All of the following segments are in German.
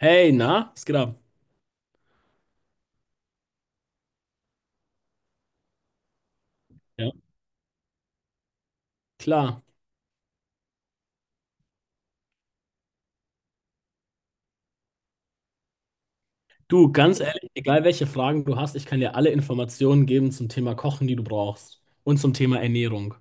Hey, na, was geht ab? Ja, klar. Du, ganz ehrlich, egal welche Fragen du hast, ich kann dir alle Informationen geben zum Thema Kochen, die du brauchst. Und zum Thema Ernährung.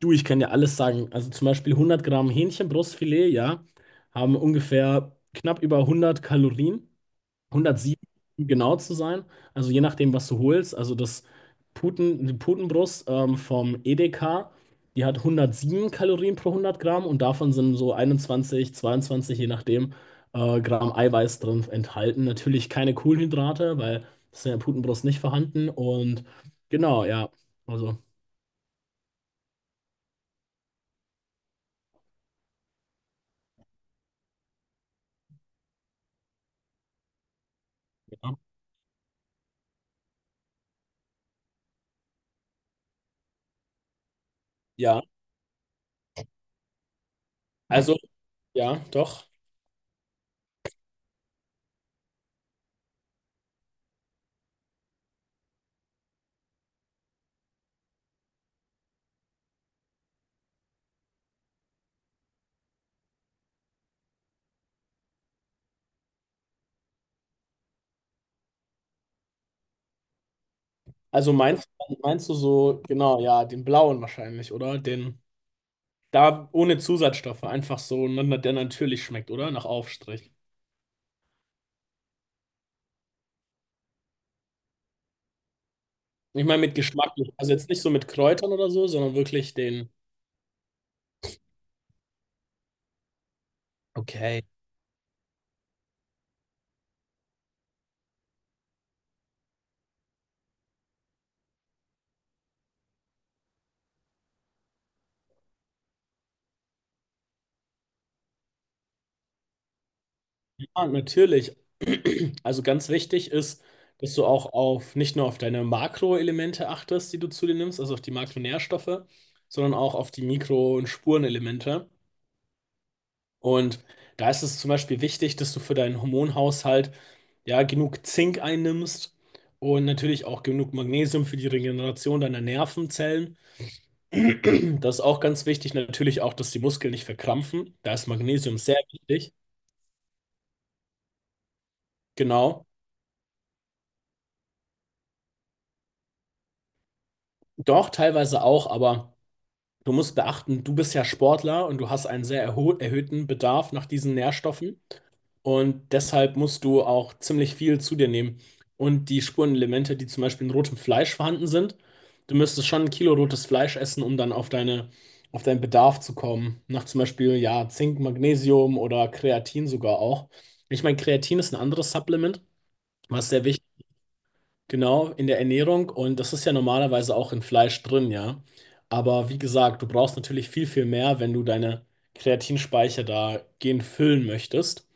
Du, ich kann dir alles sagen. Also zum Beispiel 100 Gramm Hähnchenbrustfilet, ja, haben ungefähr knapp über 100 Kalorien. 107, um genau zu sein. Also je nachdem, was du holst. Also das Puten, die Putenbrust vom Edeka, die hat 107 Kalorien pro 100 Gramm und davon sind so 21, 22, je nachdem, Gramm Eiweiß drin enthalten. Natürlich keine Kohlenhydrate, weil das ist in der Putenbrust nicht vorhanden. Und genau, ja. Also, ja. Ja, also, ja, doch. Also meinst du so, genau, ja, den blauen wahrscheinlich, oder? Den. Da ohne Zusatzstoffe, einfach so, ne, der natürlich schmeckt, oder? Nach Aufstrich. Ich meine mit Geschmack, also jetzt nicht so mit Kräutern oder so, sondern wirklich den. Okay. Ja, natürlich. Also ganz wichtig ist, dass du auch auf nicht nur auf deine Makroelemente achtest, die du zu dir nimmst, also auf die Makronährstoffe, sondern auch auf die Mikro- und Spurenelemente. Und da ist es zum Beispiel wichtig, dass du für deinen Hormonhaushalt ja genug Zink einnimmst und natürlich auch genug Magnesium für die Regeneration deiner Nervenzellen. Das ist auch ganz wichtig. Natürlich auch, dass die Muskeln nicht verkrampfen. Da ist Magnesium sehr wichtig. Genau. Doch, teilweise auch, aber du musst beachten, du bist ja Sportler und du hast einen sehr erhöhten Bedarf nach diesen Nährstoffen. Und deshalb musst du auch ziemlich viel zu dir nehmen. Und die Spurenelemente, die zum Beispiel in rotem Fleisch vorhanden sind, du müsstest schon ein Kilo rotes Fleisch essen, um dann auf auf deinen Bedarf zu kommen. Nach zum Beispiel, ja, Zink, Magnesium oder Kreatin sogar auch. Ich meine, Kreatin ist ein anderes Supplement, was sehr wichtig ist, genau, in der Ernährung. Und das ist ja normalerweise auch in Fleisch drin, ja. Aber wie gesagt, du brauchst natürlich viel, viel mehr, wenn du deine Kreatinspeicher da gehend füllen möchtest.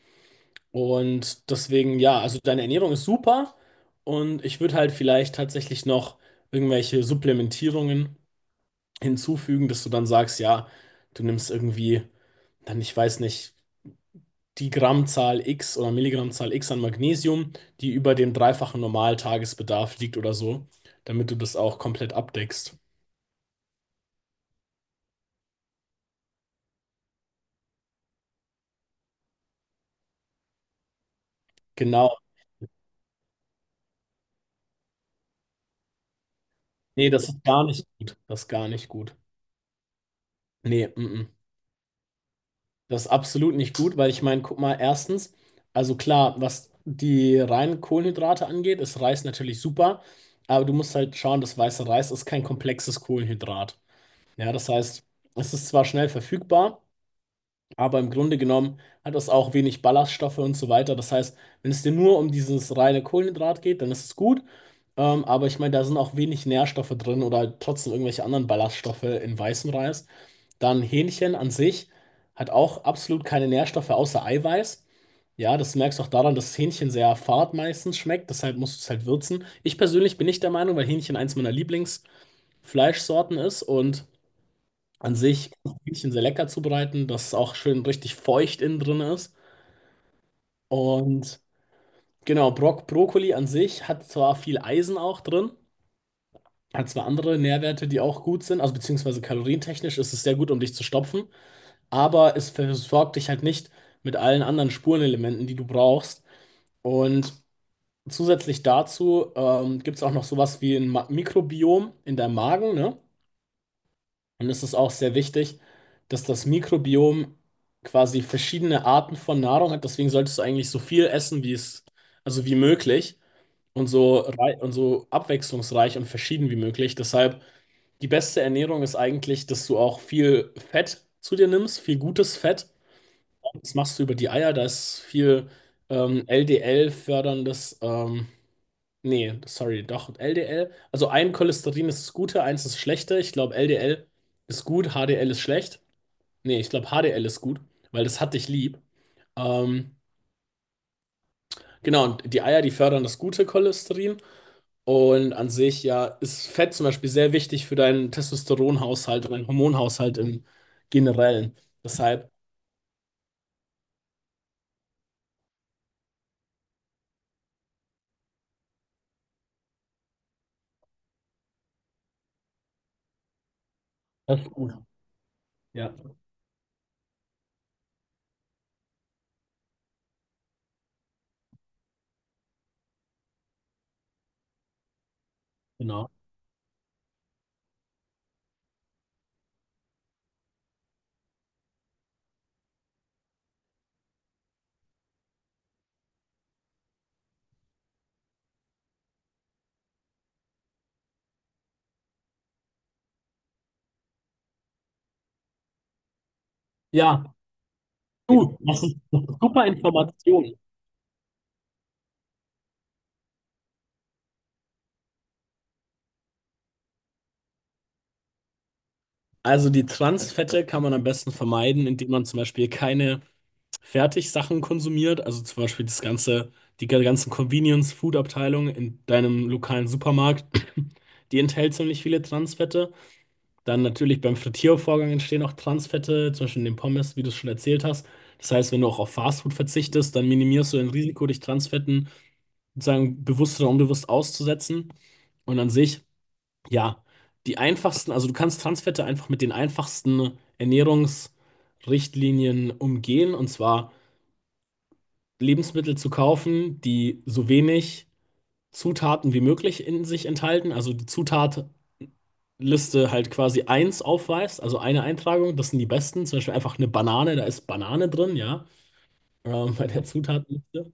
Und deswegen, ja, also deine Ernährung ist super und ich würde halt vielleicht tatsächlich noch irgendwelche Supplementierungen hinzufügen, dass du dann sagst, ja, du nimmst irgendwie dann, ich weiß nicht, die Grammzahl X oder Milligrammzahl X an Magnesium, die über dem dreifachen Normaltagesbedarf liegt oder so, damit du das auch komplett abdeckst. Genau. Nee, das ist gar nicht gut. Das ist gar nicht gut. Nee, Das ist absolut nicht gut, weil ich meine, guck mal, erstens, also klar, was die reinen Kohlenhydrate angeht, ist Reis natürlich super, aber du musst halt schauen, das weiße Reis ist kein komplexes Kohlenhydrat. Ja, das heißt, es ist zwar schnell verfügbar, aber im Grunde genommen hat es auch wenig Ballaststoffe und so weiter. Das heißt, wenn es dir nur um dieses reine Kohlenhydrat geht, dann ist es gut, aber ich meine, da sind auch wenig Nährstoffe drin oder halt trotzdem irgendwelche anderen Ballaststoffe in weißem Reis. Dann Hähnchen an sich hat auch absolut keine Nährstoffe außer Eiweiß. Ja, das merkst du auch daran, dass Hähnchen sehr fad meistens schmeckt, deshalb musst du es halt würzen. Ich persönlich bin nicht der Meinung, weil Hähnchen eins meiner Lieblingsfleischsorten ist und an sich kann ich Hähnchen sehr lecker zubereiten, dass es auch schön richtig feucht innen drin ist. Und genau, Brokkoli an sich hat zwar viel Eisen auch drin, hat zwar andere Nährwerte, die auch gut sind, also beziehungsweise kalorientechnisch ist es sehr gut, um dich zu stopfen, aber es versorgt dich halt nicht mit allen anderen Spurenelementen, die du brauchst. Und zusätzlich dazu gibt es auch noch sowas wie ein Mikrobiom in deinem Magen, ne? Und es ist auch sehr wichtig, dass das Mikrobiom quasi verschiedene Arten von Nahrung hat. Deswegen solltest du eigentlich so viel essen, also wie möglich und so so abwechslungsreich und verschieden wie möglich. Deshalb die beste Ernährung ist eigentlich, dass du auch viel Fett zu dir nimmst, viel gutes Fett. Das machst du über die Eier, da ist viel LDL-förderndes. Nee, sorry, doch, LDL. Also ein Cholesterin ist das Gute, eins ist das Schlechte. Ich glaube, LDL ist gut, HDL ist schlecht. Nee, ich glaube, HDL ist gut, weil das hat dich lieb. Ähm, genau, und die Eier, die fördern das gute Cholesterin. Und an sich, ja, ist Fett zum Beispiel sehr wichtig für deinen Testosteronhaushalt und deinen Hormonhaushalt im Generellen. Deshalb, das ist gut. Ja, genau. Ja, du, das ist super Information. Also die Transfette kann man am besten vermeiden, indem man zum Beispiel keine Fertigsachen konsumiert. Also zum Beispiel die ganzen Convenience-Food-Abteilungen in deinem lokalen Supermarkt, die enthält ziemlich viele Transfette. Dann natürlich beim Frittiervorgang entstehen auch Transfette, zum Beispiel in den Pommes, wie du es schon erzählt hast. Das heißt, wenn du auch auf Fastfood verzichtest, dann minimierst du dein Risiko, dich Transfetten sozusagen bewusst oder unbewusst auszusetzen. Und an sich, ja, die einfachsten, also du kannst Transfette einfach mit den einfachsten Ernährungsrichtlinien umgehen, und zwar Lebensmittel zu kaufen, die so wenig Zutaten wie möglich in sich enthalten. Also die Zutatliste halt quasi eins aufweist, also eine Eintragung, das sind die besten. Zum Beispiel einfach eine Banane, da ist Banane drin, ja, bei der Zutatenliste.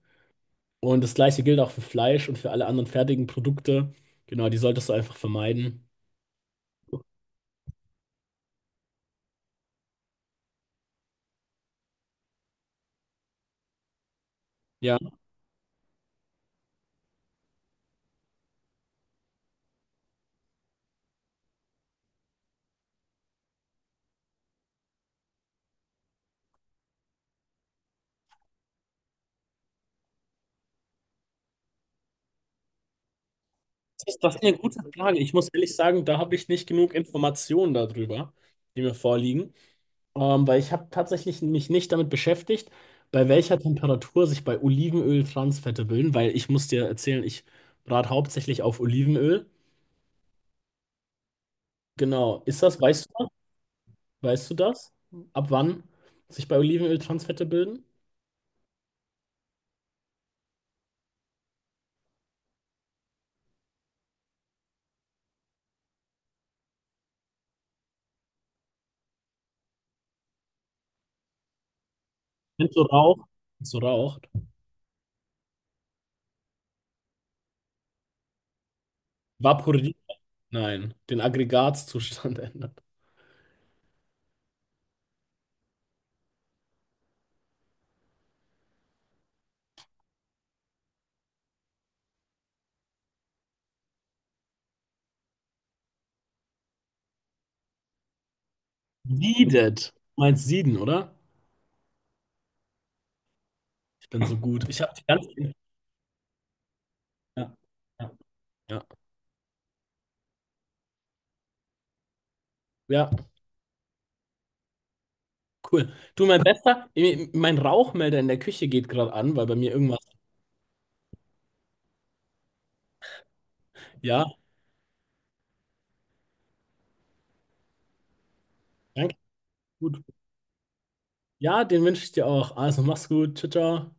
Und das gleiche gilt auch für Fleisch und für alle anderen fertigen Produkte. Genau, die solltest du einfach vermeiden. Ja. Das ist eine gute Frage. Ich muss ehrlich sagen, da habe ich nicht genug Informationen darüber, die mir vorliegen, weil ich habe tatsächlich mich nicht damit beschäftigt, bei welcher Temperatur sich bei Olivenöl Transfette bilden, weil ich muss dir erzählen, ich brate hauptsächlich auf Olivenöl. Genau. Ist das, weißt du das? Weißt du das? Ab wann sich bei Olivenöl Transfette bilden? Wenn es so raucht, wenn es so raucht, vaporiert, nein, den Aggregatzustand ändert. Siedet. Meinst sieden, oder? Ich bin so gut. Ich habe die ganze. Ja, ja, ja, ja, cool. Du, mein Bester, eh, mein Rauchmelder in der Küche geht gerade an, weil bei mir irgendwas. Ja, danke. Gut. Ja, den wünsche ich dir auch. Also, mach's gut. Ciao, ciao.